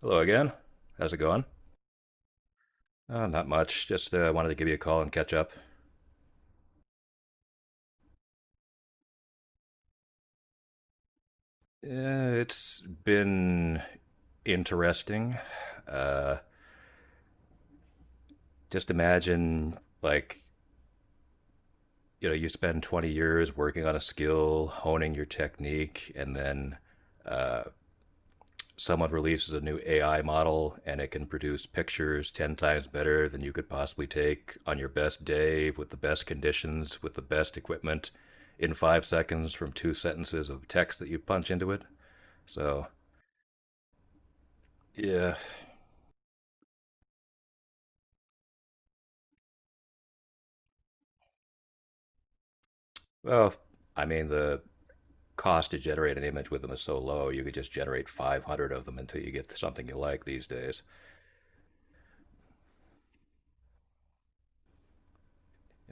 Hello again. How's it going? Not much. Just wanted to give you a call and catch up. It's been interesting. Uh, just imagine, you spend 20 years working on a skill, honing your technique, and then uh, someone releases a new AI model and it can produce pictures 10 times better than you could possibly take on your best day with the best conditions, with the best equipment in 5 seconds from two sentences of text that you punch into it. So, yeah. Well, I mean, the cost to generate an image with them is so low, you could just generate 500 of them until you get something you like these days.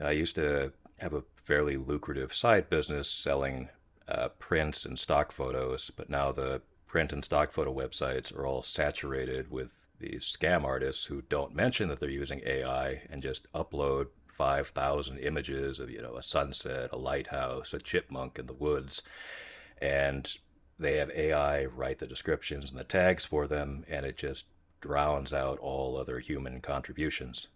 I used to have a fairly lucrative side business selling prints and stock photos, but now the print and stock photo websites are all saturated with these scam artists who don't mention that they're using AI and just upload 5,000 images of, you know, a sunset, a lighthouse, a chipmunk in the woods, and they have AI write the descriptions and the tags for them, and it just drowns out all other human contributions.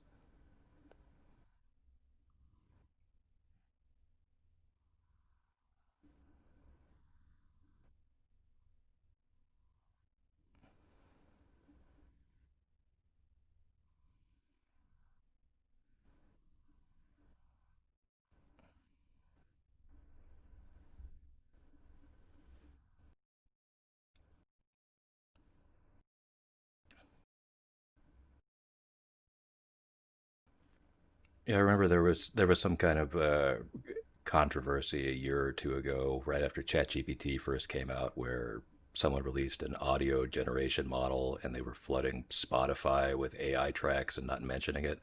Yeah, I remember there was some kind of controversy a year or 2 ago, right after ChatGPT first came out, where someone released an audio generation model and they were flooding Spotify with AI tracks and not mentioning it.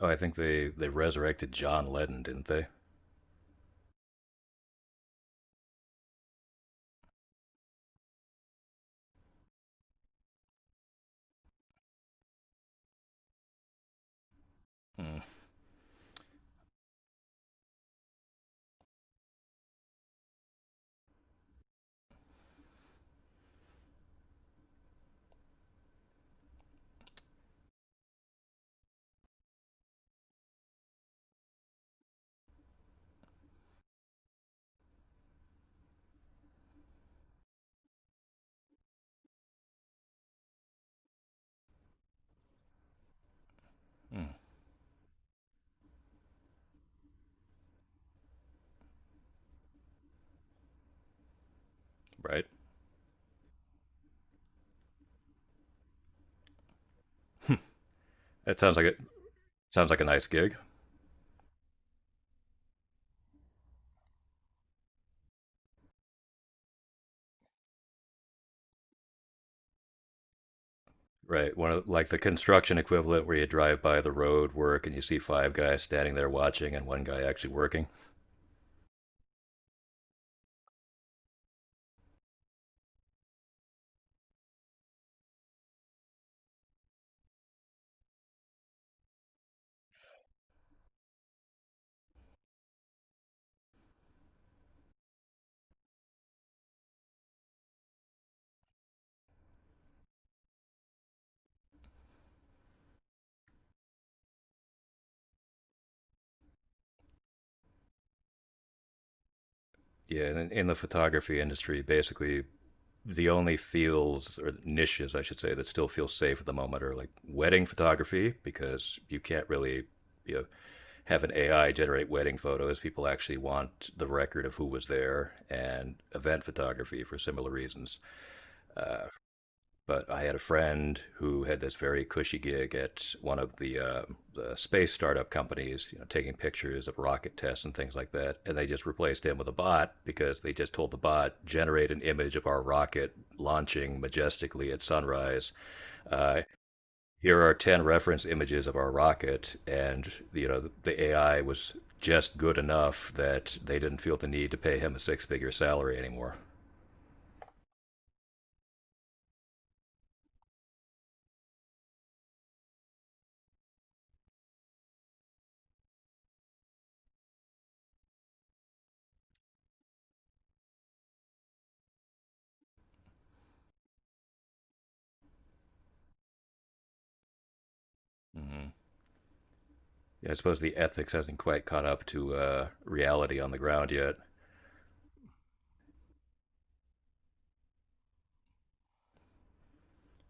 Oh, I think they resurrected John Lennon, didn't they? Mm, mm, right. That sounds like it. Sounds like a nice gig. Right. One of like the construction equivalent where you drive by the road work and you see five guys standing there watching and one guy actually working. Yeah, in the photography industry, basically the only fields or niches, I should say, that still feel safe at the moment are like wedding photography, because you can't really you know, have an AI generate wedding photos. People actually want the record of who was there, and event photography for similar reasons. Uh, but I had a friend who had this very cushy gig at one of the the space startup companies, you know, taking pictures of rocket tests and things like that. And they just replaced him with a bot because they just told the bot generate an image of our rocket launching majestically at sunrise. Uh, Here are 10 reference images of our rocket and the AI was just good enough that they didn't feel the need to pay him a six figure salary anymore. Mm-hmm. Yeah, I suppose the ethics hasn't quite caught up to reality on the ground yet.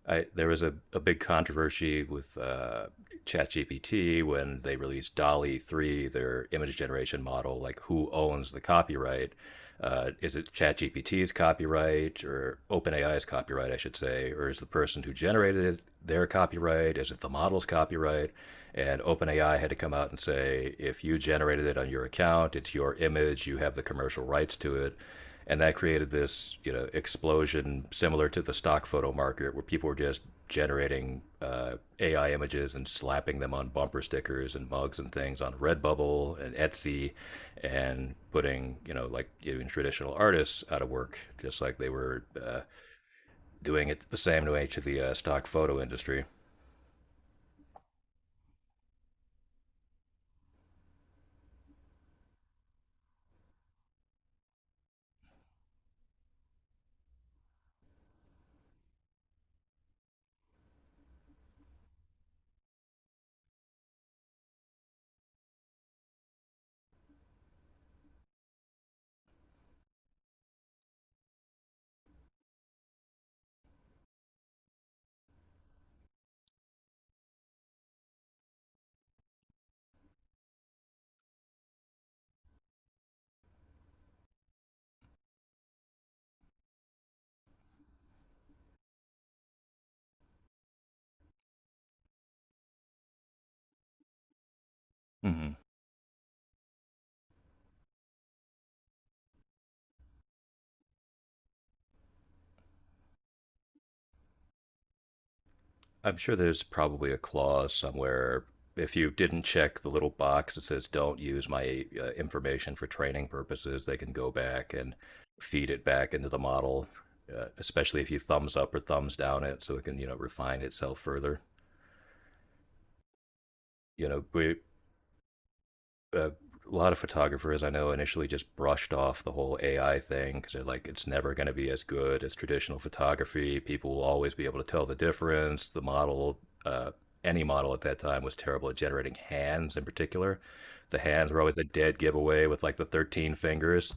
There was a big controversy with ChatGPT when they released DALI 3, their image generation model. Like, who owns the copyright? Is it ChatGPT's copyright or OpenAI's copyright, I should say? Or is the person who generated it their copyright? Is it the model's copyright? And OpenAI had to come out and say, if you generated it on your account, it's your image, you have the commercial rights to it. And that created this explosion similar to the stock photo market where people were just generating AI images and slapping them on bumper stickers and mugs and things on Redbubble and Etsy, and putting like even traditional artists out of work, just like they were doing it the same way to the stock photo industry. Mm-hmm. I'm sure there's probably a clause somewhere. If you didn't check the little box that says "Don't use my information for training purposes," they can go back and feed it back into the model, especially if you thumbs up or thumbs down it, so it can refine itself further. You know, we a lot of photographers I know initially just brushed off the whole AI thing because they're like, it's never going to be as good as traditional photography. People will always be able to tell the difference. The model, uh, any model at that time, was terrible at generating hands in particular. The hands were always a dead giveaway with like the 13 fingers.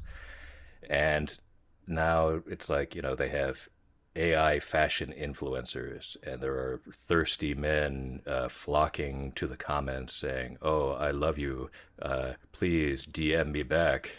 And now it's like, you know, they have AI fashion influencers, and there are thirsty men flocking to the comments saying, "Oh, I love you. Please DM me back."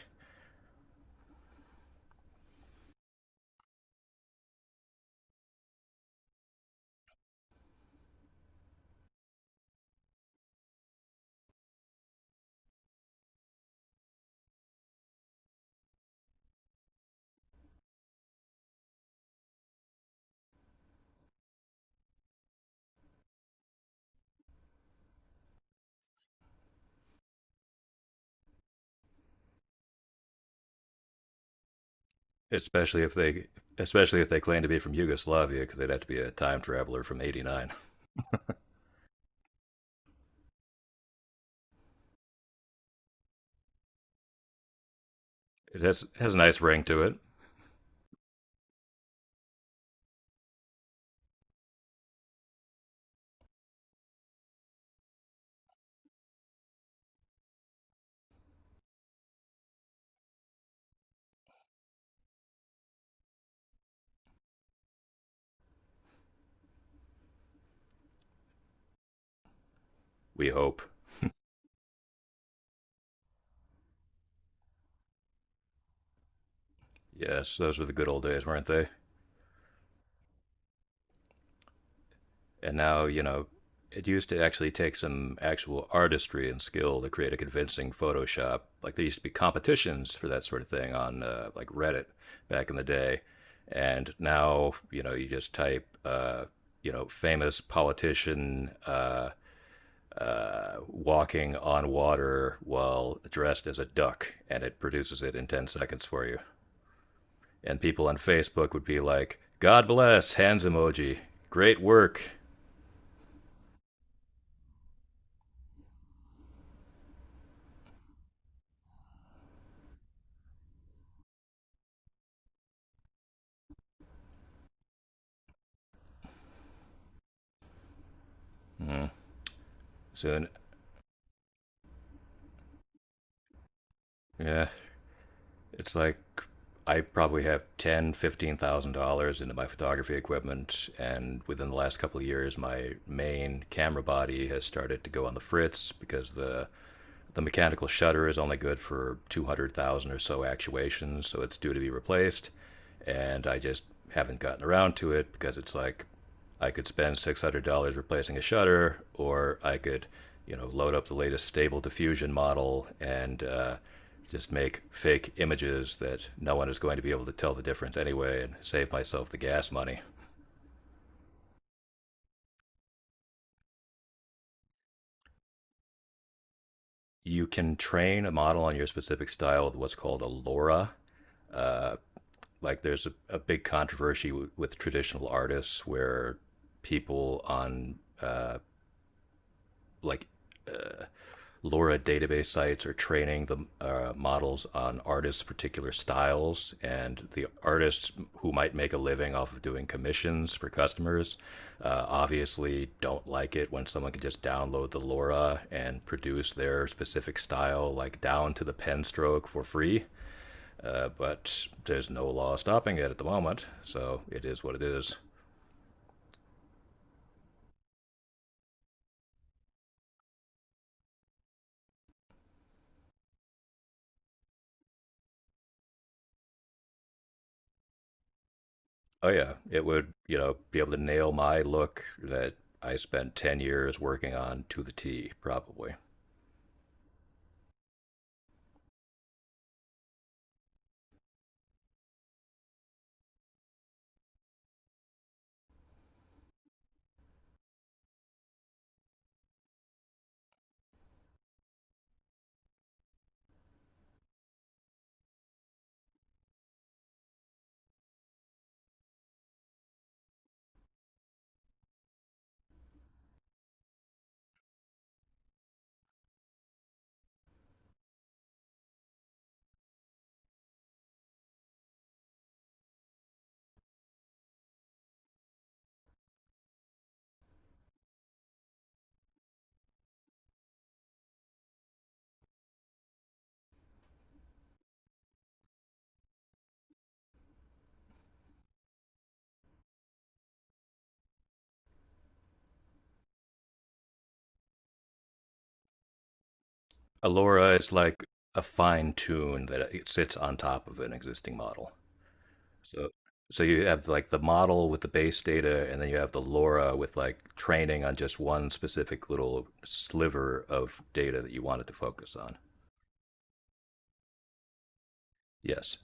Especially if they, especially if they claim to be from Yugoslavia, because they'd have to be a time traveler from '89. It has a nice ring to it. We hope. Yes, those were the good old days, weren't they? And now, you know, it used to actually take some actual artistry and skill to create a convincing Photoshop. Like there used to be competitions for that sort of thing on like Reddit back in the day, and now you just type famous politician walking on water while dressed as a duck, and it produces it in 10 seconds for you. And people on Facebook would be like, "God bless hands emoji, great work." Hmm. Soon, yeah, it's like I probably have ten, thousand dollars, $15,000 into my photography equipment, and within the last couple of years, my main camera body has started to go on the fritz because the mechanical shutter is only good for 200,000 or so actuations, so it's due to be replaced. And I just haven't gotten around to it because it's like I could spend $600 replacing a shutter, or I could, you know, load up the latest stable diffusion model and just make fake images that no one is going to be able to tell the difference anyway and save myself the gas money. You can train a model on your specific style with what's called a LoRa. Uh, like there's a big controversy with traditional artists where people on like LoRa database sites are training the models on artists' particular styles, and the artists who might make a living off of doing commissions for customers obviously don't like it when someone can just download the LoRa and produce their specific style, like down to the pen stroke, for free. But there's no law stopping it at the moment, so it is what it is. Oh yeah, it would, you know, be able to nail my look that I spent 10 years working on to the T, probably. Allura is like a fine tune that it sits on top of an existing model. So so you have like the model with the base data and then you have the LoRa with like training on just one specific little sliver of data that you wanted to focus on. Yes.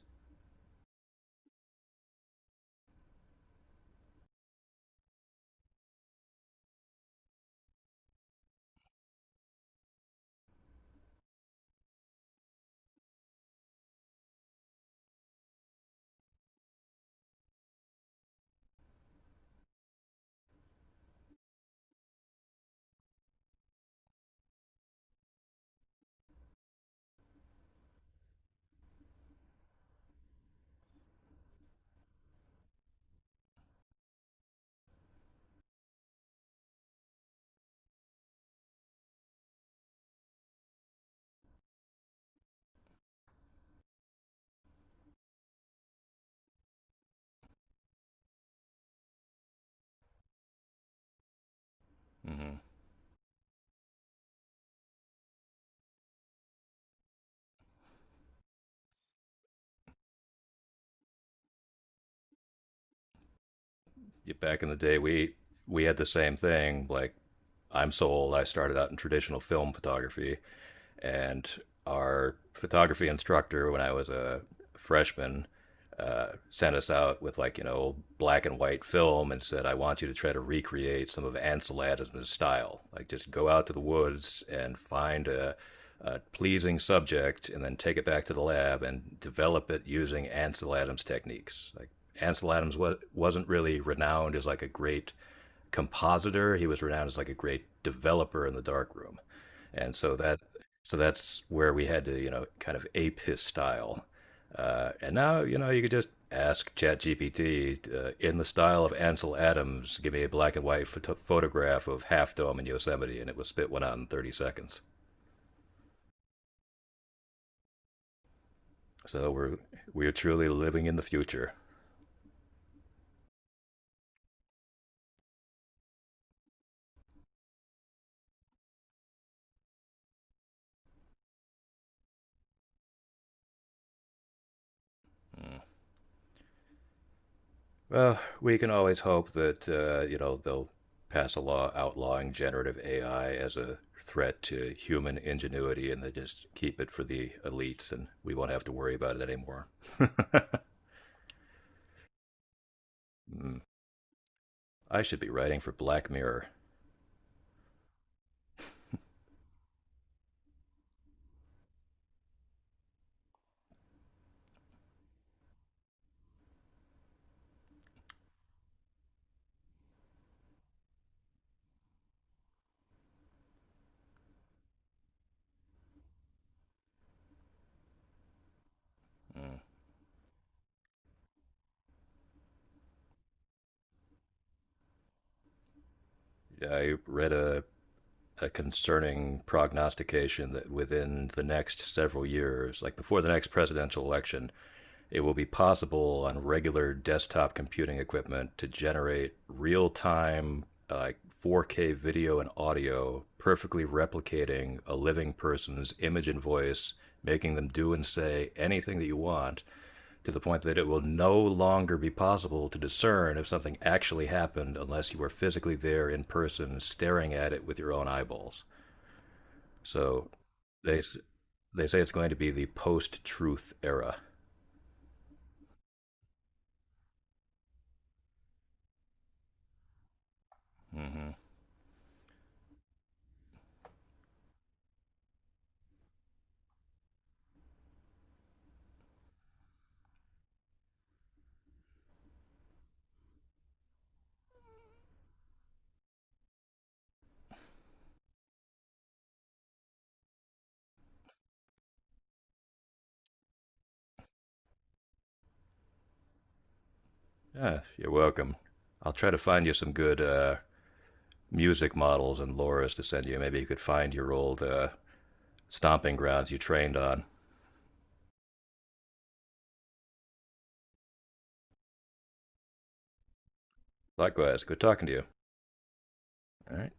Mhm. Yeah, back in the day we had the same thing like I'm sold. I started out in traditional film photography. And our photography instructor, when I was a freshman, sent us out with like black and white film and said, "I want you to try to recreate some of Ansel Adams' style. Like just go out to the woods and find a pleasing subject, and then take it back to the lab and develop it using Ansel Adams techniques. Like Ansel Adams wasn't really renowned as like a great compositor. He was renowned as like a great developer in the darkroom, and so that's where we had to kind of ape his style. And now you could just ask ChatGPT in the style of Ansel Adams, give me a black and white photograph of Half Dome in Yosemite, and it would spit one out in 30 seconds. So we're truly living in the future. Well, we can always hope that they'll pass a law outlawing generative AI as a threat to human ingenuity, and they just keep it for the elites, and we won't have to worry about it anymore. Mm. I should be writing for Black Mirror. Mm. I read a concerning prognostication that within the next several years, like before the next presidential election, it will be possible on regular desktop computing equipment to generate real time uh, 4K video and audio, perfectly replicating a living person's image and voice, making them do and say anything that you want, to the point that it will no longer be possible to discern if something actually happened unless you were physically there in person, staring at it with your own eyeballs. So they they say it's going to be the post-truth era. Mm-hmm. Ah, you're welcome. I'll try to find you some good music models and lures to send you. Maybe you could find your old stomping grounds you trained on. Likewise, good talking to you. All right.